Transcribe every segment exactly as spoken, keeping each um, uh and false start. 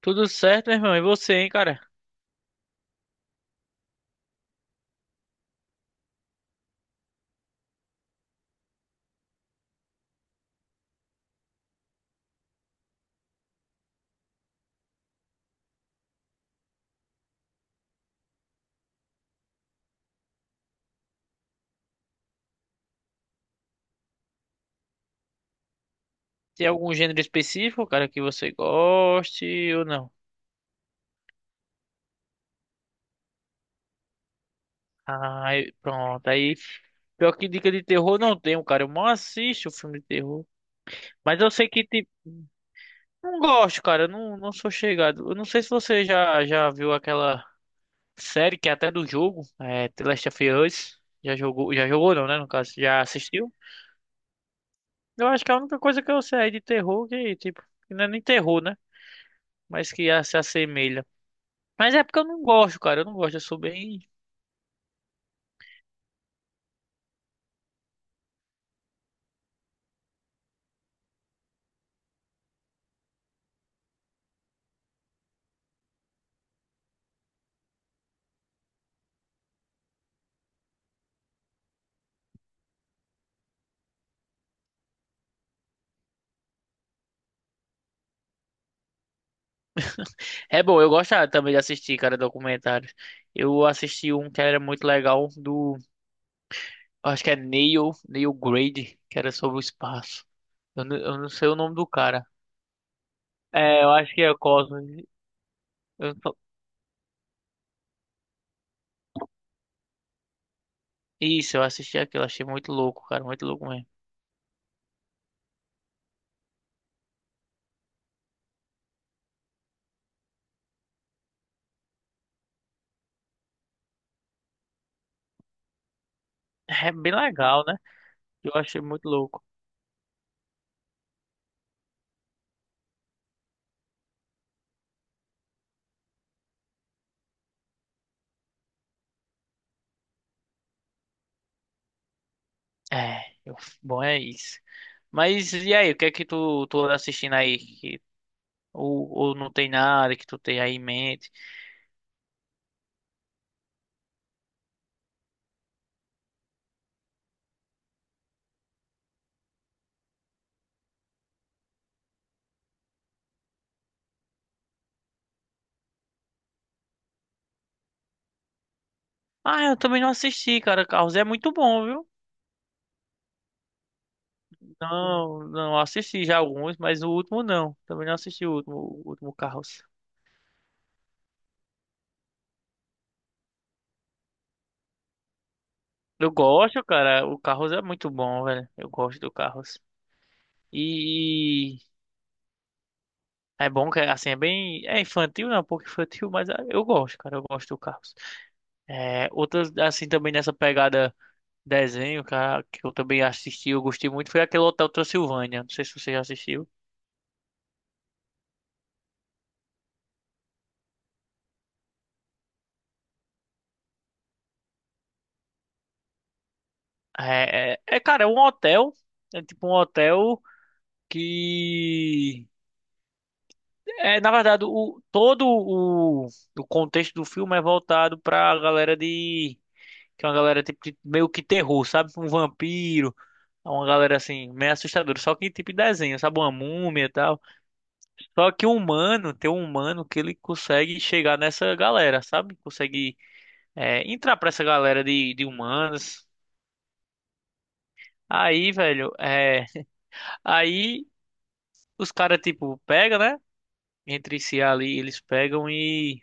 Tudo certo, meu irmão? E você, hein, cara? Tem algum gênero específico, cara, que você goste ou não? Ah, eu- pronto. Aí, pior que dica de terror não tenho, cara. Eu mal assisto filme de terror. Mas eu sei que, tipo, não gosto, cara. Eu Não, não sou chegado. Eu não sei se você já, já viu aquela série que é até do jogo, é The Last of Us. Já jogou, já jogou não, né? No caso, já assistiu? Eu acho que é a única coisa que eu sei de terror que, tipo, que não é nem terror, né? Mas que ah, se assemelha. Mas é porque eu não gosto, cara. Eu não gosto. Eu sou bem. É bom, eu gosto ah, também de assistir, cara, documentários. Eu assisti um que era muito legal do. Acho que é Neil, Neil Grade, que era sobre o espaço. Eu não, eu não sei o nome do cara. É, eu acho que é Cosmos. Eu tô- Isso, eu assisti aquilo. Achei muito louco, cara. Muito louco mesmo. É bem legal, né? Eu achei muito louco. É, eu- Bom, é isso. Mas e aí, o que é que tu, tu anda assistindo aí? Que, ou, ou não tem nada que tu tenha aí em mente? Ah, eu também não assisti, cara. Carros é muito bom, viu? Não, não assisti já alguns, mas o último não. Também não assisti o último, o último Carros. Eu gosto, cara. O Carros é muito bom, velho. Eu gosto do Carros. E é bom que assim é bem, é infantil, não, é um pouco infantil, mas é, eu gosto, cara. Eu gosto do Carros. É, outras assim também nessa pegada desenho, cara, que eu também assisti, eu gostei muito, foi aquele Hotel Transilvânia. Não sei se você já assistiu. É, é, é, cara, é um hotel. É tipo um hotel que é na verdade o todo o, o contexto do filme é voltado pra galera de que é uma galera tipo de- meio que terror, sabe? Um vampiro, é uma galera assim meio assustadora, só que tipo de desenho, sabe? Uma múmia e tal. Só que o humano, tem um humano que ele consegue chegar nessa galera, sabe? Consegue é, entrar pra essa galera de, de humanos. Aí, velho, é aí os caras tipo pega, né? Entre si ali, eles pegam e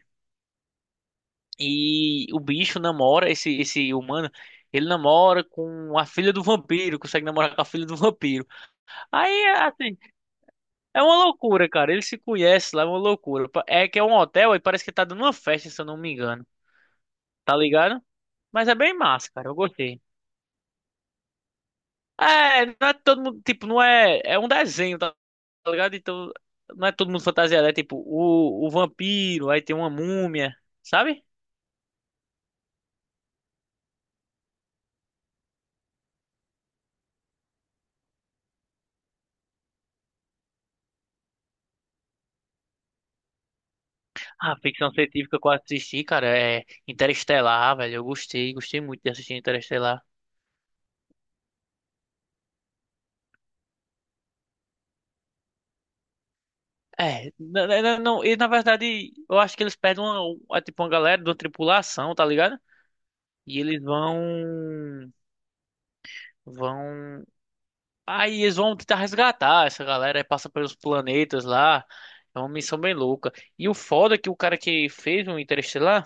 E o bicho namora, esse, esse humano, ele namora com a filha do vampiro, consegue namorar com a filha do vampiro. Aí, assim, é uma loucura, cara. Eles se conhecem lá, é uma loucura. Pa- É que é um hotel e parece que tá dando uma festa, se eu não me engano. Tá ligado? Mas é bem massa, cara. Eu gostei. É, não é todo mundo, tipo, não é. É um desenho, tá tá ligado? Então, não é todo mundo fantasiado. É tipo, o, o vampiro, aí tem uma múmia, sabe? Ah, ficção científica que eu assisti, cara, é Interestelar, velho. Eu gostei, gostei muito de assistir Interestelar. É, na- na- não, e na verdade, eu acho que eles pegam uma, um, é tipo uma galera de uma tripulação, tá ligado? E eles vão, vão, aí eles vão tentar resgatar essa galera, aí passa pelos planetas lá. É uma missão bem louca. E o foda é que o cara que fez o Interestelar,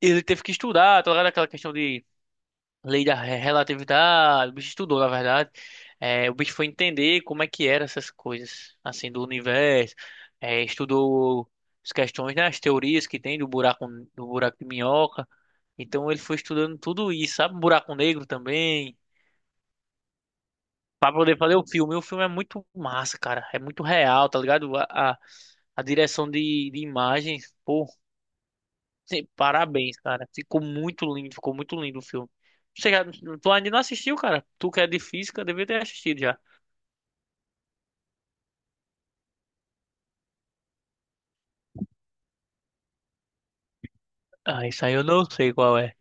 ele teve que estudar, tá ligado? Aquela questão de lei da re- relatividade, o bicho estudou, na verdade. É, o bicho foi entender como é que eram essas coisas, assim, do universo. É, estudou as questões, né, as teorias que tem do buraco, do buraco de minhoca. Então ele foi estudando tudo isso, sabe? Um buraco negro também. Pra poder fazer o filme. E o filme é muito massa, cara. É muito real, tá ligado? A, a, a direção de, de imagens, sim, parabéns, cara. Ficou muito lindo, ficou muito lindo o filme. Você já, tu ainda não assistiu, cara? Tu que é de física, devia ter assistido já. Ah, isso aí eu não sei qual é.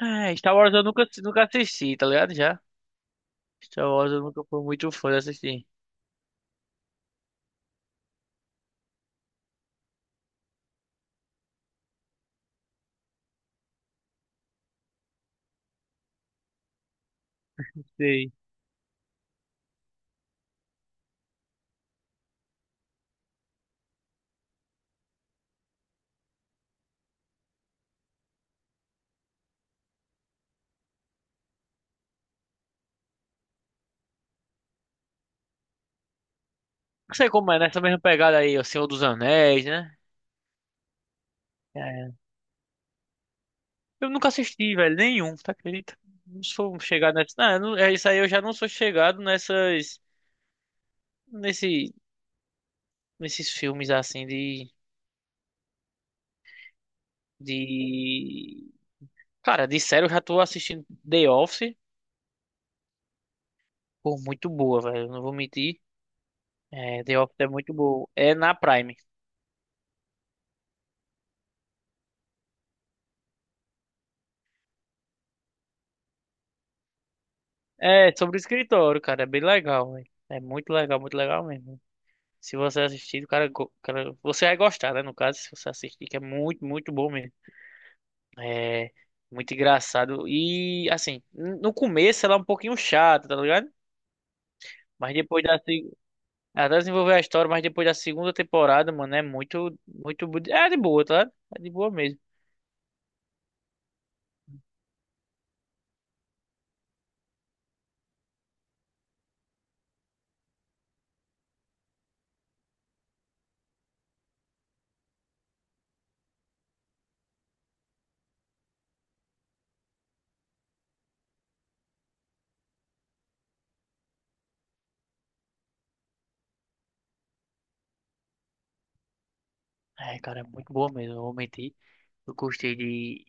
É, Star Wars eu nunca, nunca assisti, tá ligado? Já. Star Wars eu nunca fui muito fã de assistir. Sei. Não sei como é, nessa mesma pegada aí, O Senhor dos Anéis, né? É. Eu nunca assisti, velho, nenhum, tá acredita? Não sou chegado nessa. Não, eu não- é isso aí eu já não sou chegado nessas. Nesse, nesses filmes assim de. De Cara, de série eu já tô assistindo The Office. Pô, muito boa, velho. Não vou mentir. É, The Office é muito boa. É na Prime. É, sobre o escritório, cara. É bem legal, velho. É muito legal, muito legal mesmo. Se você assistir, o cara, go- o cara- você vai gostar, né? No caso, se você assistir, que é muito, muito bom mesmo. É muito engraçado. E, assim, n- no começo ela é um pouquinho chata, tá ligado? Mas depois da... se- Até desenvolver a história, mas depois da segunda temporada, mano, é muito, muito... bu- É de boa, tá ligado? É de boa mesmo. É, cara, é muito boa mesmo, eu vou mentir. Eu gostei de,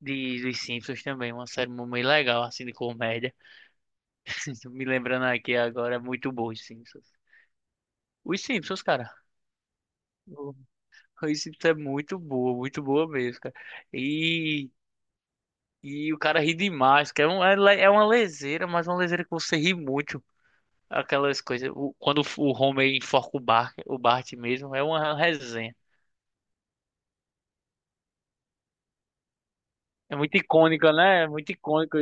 de dos Simpsons também, uma série muito legal, assim, de comédia. Tô Me lembrando aqui agora, é muito bom os Simpsons. Os Simpsons, cara. o- Os Simpsons é muito boa, muito boa mesmo, cara. E, e o cara ri demais, que é, um, é, le- é uma leseira, mas uma leseira que você ri muito. Aquelas coisas, o- quando o Homer enforca o Bart, o Bart mesmo, é uma resenha. É muito icônica, né? É muito icônico.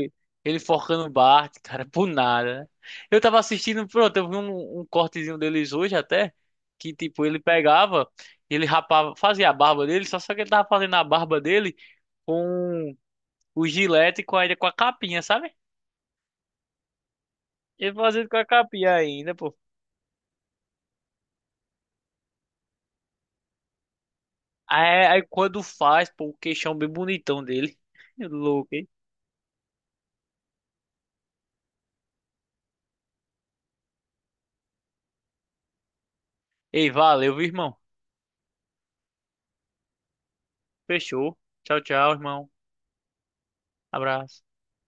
Ele forcando o Bart, cara, por nada, né? Eu tava assistindo, pronto, eu vi um, um cortezinho deles hoje até, que tipo, ele pegava, ele rapava, fazia a barba dele, só só que ele tava fazendo a barba dele com o gilete e com a, com a capinha, sabe? Ele fazendo com a capinha ainda, pô. Aí, aí quando faz, pô, o queixão bem bonitão dele. Louco, hein? Ei, valeu, viu, irmão? Fechou. Tchau, tchau, irmão. Abraço.